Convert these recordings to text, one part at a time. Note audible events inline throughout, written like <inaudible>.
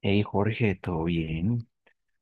Hey Jorge, ¿todo bien?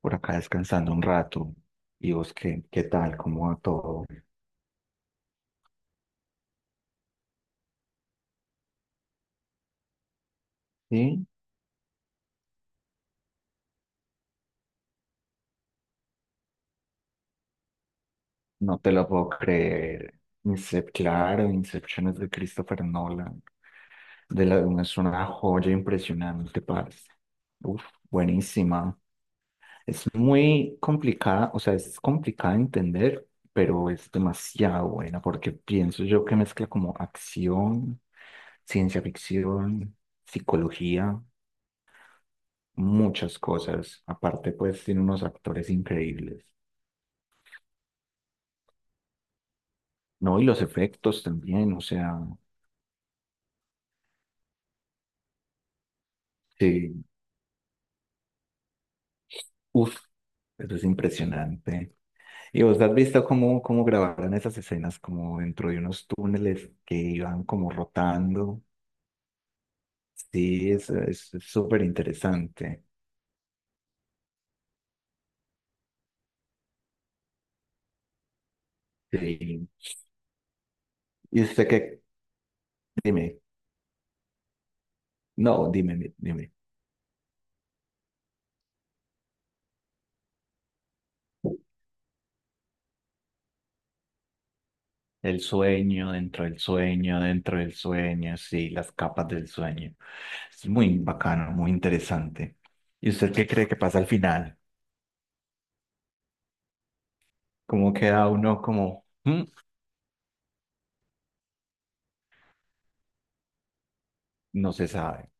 Por acá descansando un rato. ¿Y vos qué, tal? ¿Cómo va todo? Sí, no te lo puedo creer. Claro, Inception es de Christopher Nolan. Es una joya impresionante, parce. Uf, buenísima. Es muy complicada, o sea, es complicada de entender, pero es demasiado buena porque pienso yo que mezcla como acción, ciencia ficción, psicología. Muchas cosas. Aparte, pues tiene unos actores increíbles, ¿no? Y los efectos también, o sea, sí, uff, eso es impresionante. ¿Y vos has visto cómo, grabaron esas escenas como dentro de unos túneles que iban como rotando? Sí, es súper interesante. Sí. ¿Y usted qué? Dime. No, dime. El sueño, dentro del sueño, dentro del sueño, sí, las capas del sueño. Es muy bacano, muy interesante. ¿Y usted qué cree que pasa al final? ¿Cómo queda uno como, "Mm", no se sabe?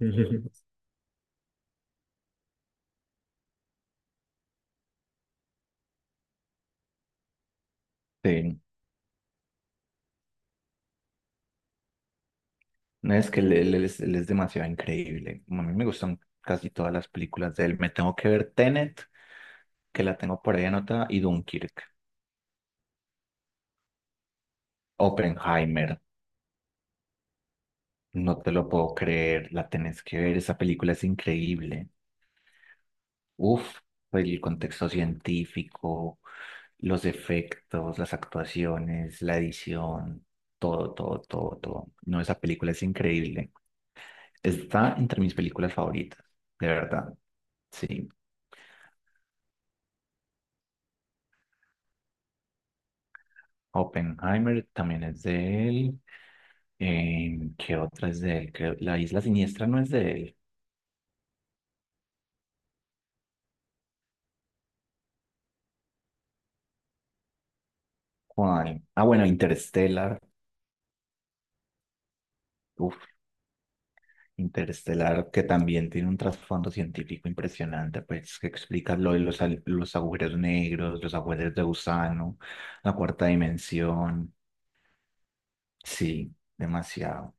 <laughs> Sí, no es que él, él es demasiado increíble. A mí me gustan casi todas las películas de él. Me tengo que ver Tenet, que la tengo por ahí anotada, y Dunkirk. Oppenheimer, no te lo puedo creer, la tenés que ver, esa película es increíble. Uf, pues, el contexto científico, los efectos, las actuaciones, la edición, todo, todo, todo, todo. No, esa película es increíble. Está entre mis películas favoritas, de verdad. Sí. Oppenheimer también es de él. ¿Qué otra es de él? La Isla Siniestra no es de él. ¿Cuál? Ah, bueno, Interstellar. Uf, Interestelar, que también tiene un trasfondo científico impresionante, pues que explica lo de los agujeros negros, los agujeros de gusano, la cuarta dimensión. Sí, demasiado.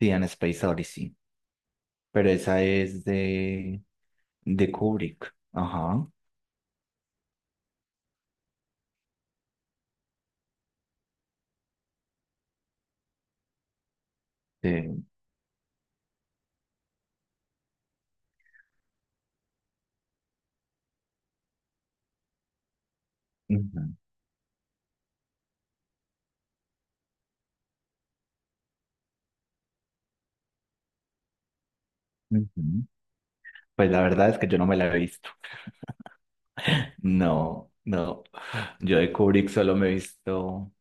Sí, en Space Odyssey. Pero esa es de Kubrick. Ajá. Sí. Ujú, ujú. Pues la verdad es que yo no me la he visto. <laughs> No, no. Yo de Kubrick solo me he visto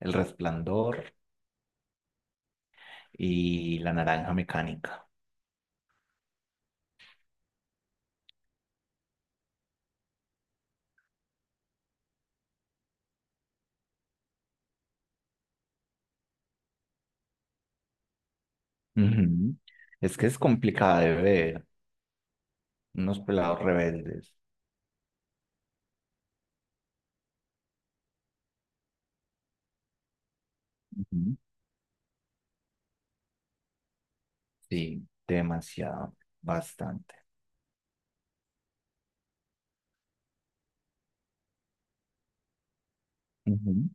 El Resplandor y La Naranja Mecánica. Ujú. Es que es complicada de ver, unos pelados rebeldes. Ujú. Sí, demasiado, bastante. Ujú,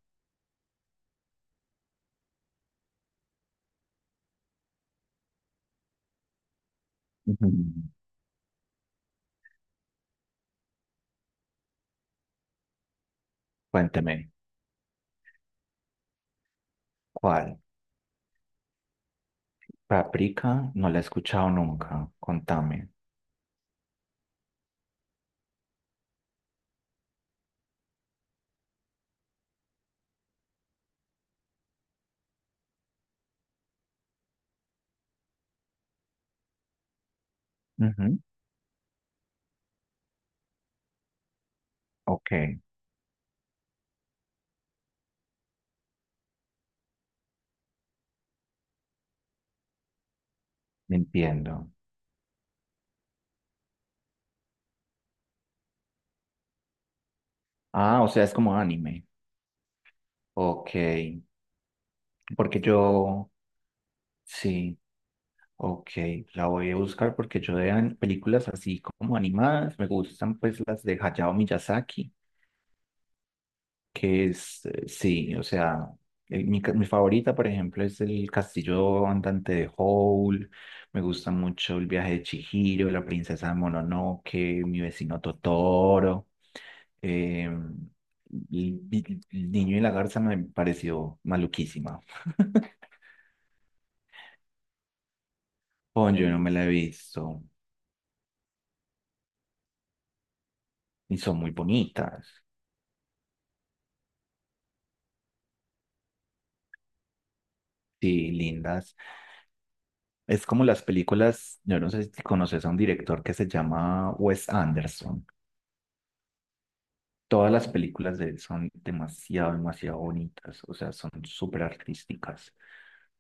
ujú. Cuénteme, ¿cuál? Paprika no la he escuchado nunca, contame. Ujú, ok, entiendo. Ah, o sea, es como anime. Ok, porque yo, sí, ok, la voy a buscar porque yo de películas así como animadas, me gustan pues las de Hayao Miyazaki. Que es, sí, o sea, mi favorita, por ejemplo, es el Castillo Andante de Howl, me gusta mucho el viaje de Chihiro, la princesa de Mononoke, mi vecino Totoro, eh, el niño y la garza me pareció maluquísima. <laughs> Pon, yo no me la he visto. Y son muy bonitas. Sí, lindas. Es como las películas, yo no sé si conoces a un director que se llama Wes Anderson. Todas las películas de él son demasiado, demasiado bonitas, o sea, son súper artísticas.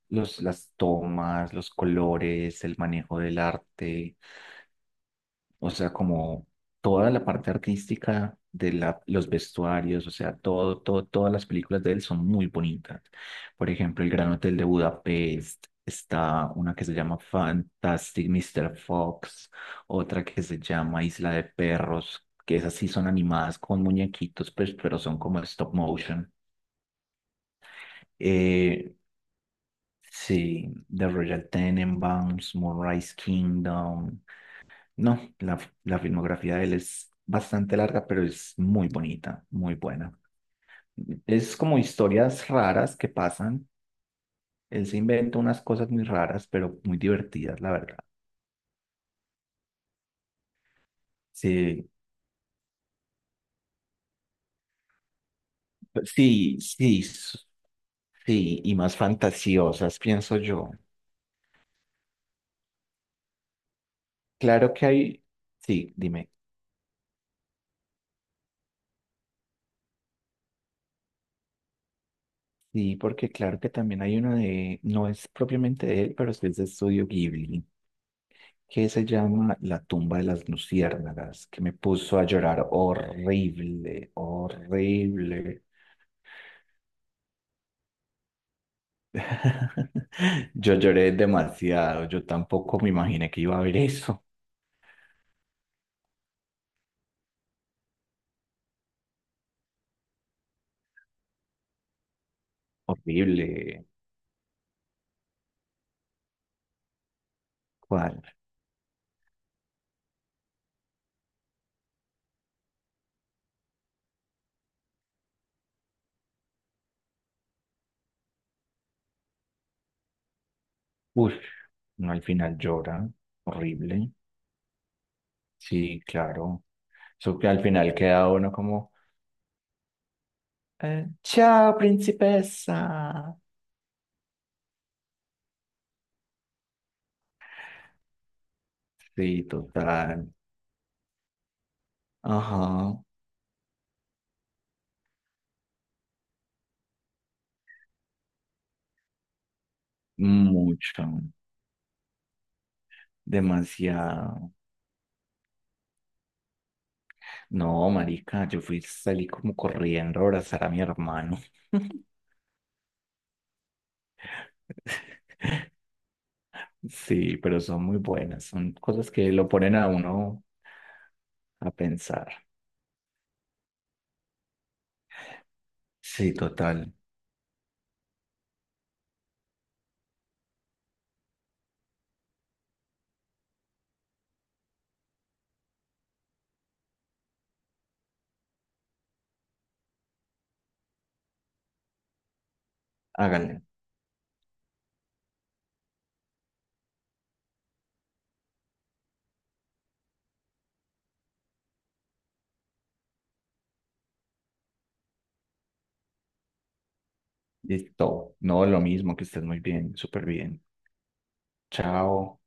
Los, las tomas, los colores, el manejo del arte, o sea, como toda la parte artística de los vestuarios, o sea, todo, todo, todas las películas de él son muy bonitas. Por ejemplo, El Gran Hotel de Budapest, está una que se llama Fantastic Mr. Fox, otra que se llama Isla de Perros, que esas sí son animadas con muñequitos, pues, pero son como stop motion. Eh, sí, The Royal Tenenbaums, Moonrise Kingdom. No, La filmografía de él es bastante larga, pero es muy bonita, muy buena. Es como historias raras que pasan. Él se inventa unas cosas muy raras, pero muy divertidas, la verdad. Sí, sí, sí, s- sí, y más fantasiosas, pienso yo. Claro que hay, sí, dime. Sí, porque claro que también hay uno de, no es propiamente de él, pero sí es de Estudio Ghibli. Que se llama La tumba de las luciérnagas, que me puso a llorar horrible, horrible. <laughs> Yo lloré demasiado, yo tampoco me imaginé que iba a ver eso. Horrible. ¿Cuál? Uf, no al final llora, horrible. Sí, claro. Eso que al final queda uno como, chao, principesa. Sí, total. Ajá, mucho, demasiado. No, marica, yo fui, salí como corriendo a abrazar a mi hermano. <laughs> Sí, pero son muy buenas, son cosas que lo ponen a uno a pensar. Sí, total, háganle. Listo, no, lo mismo, que estés muy bien, súper bien. Chao.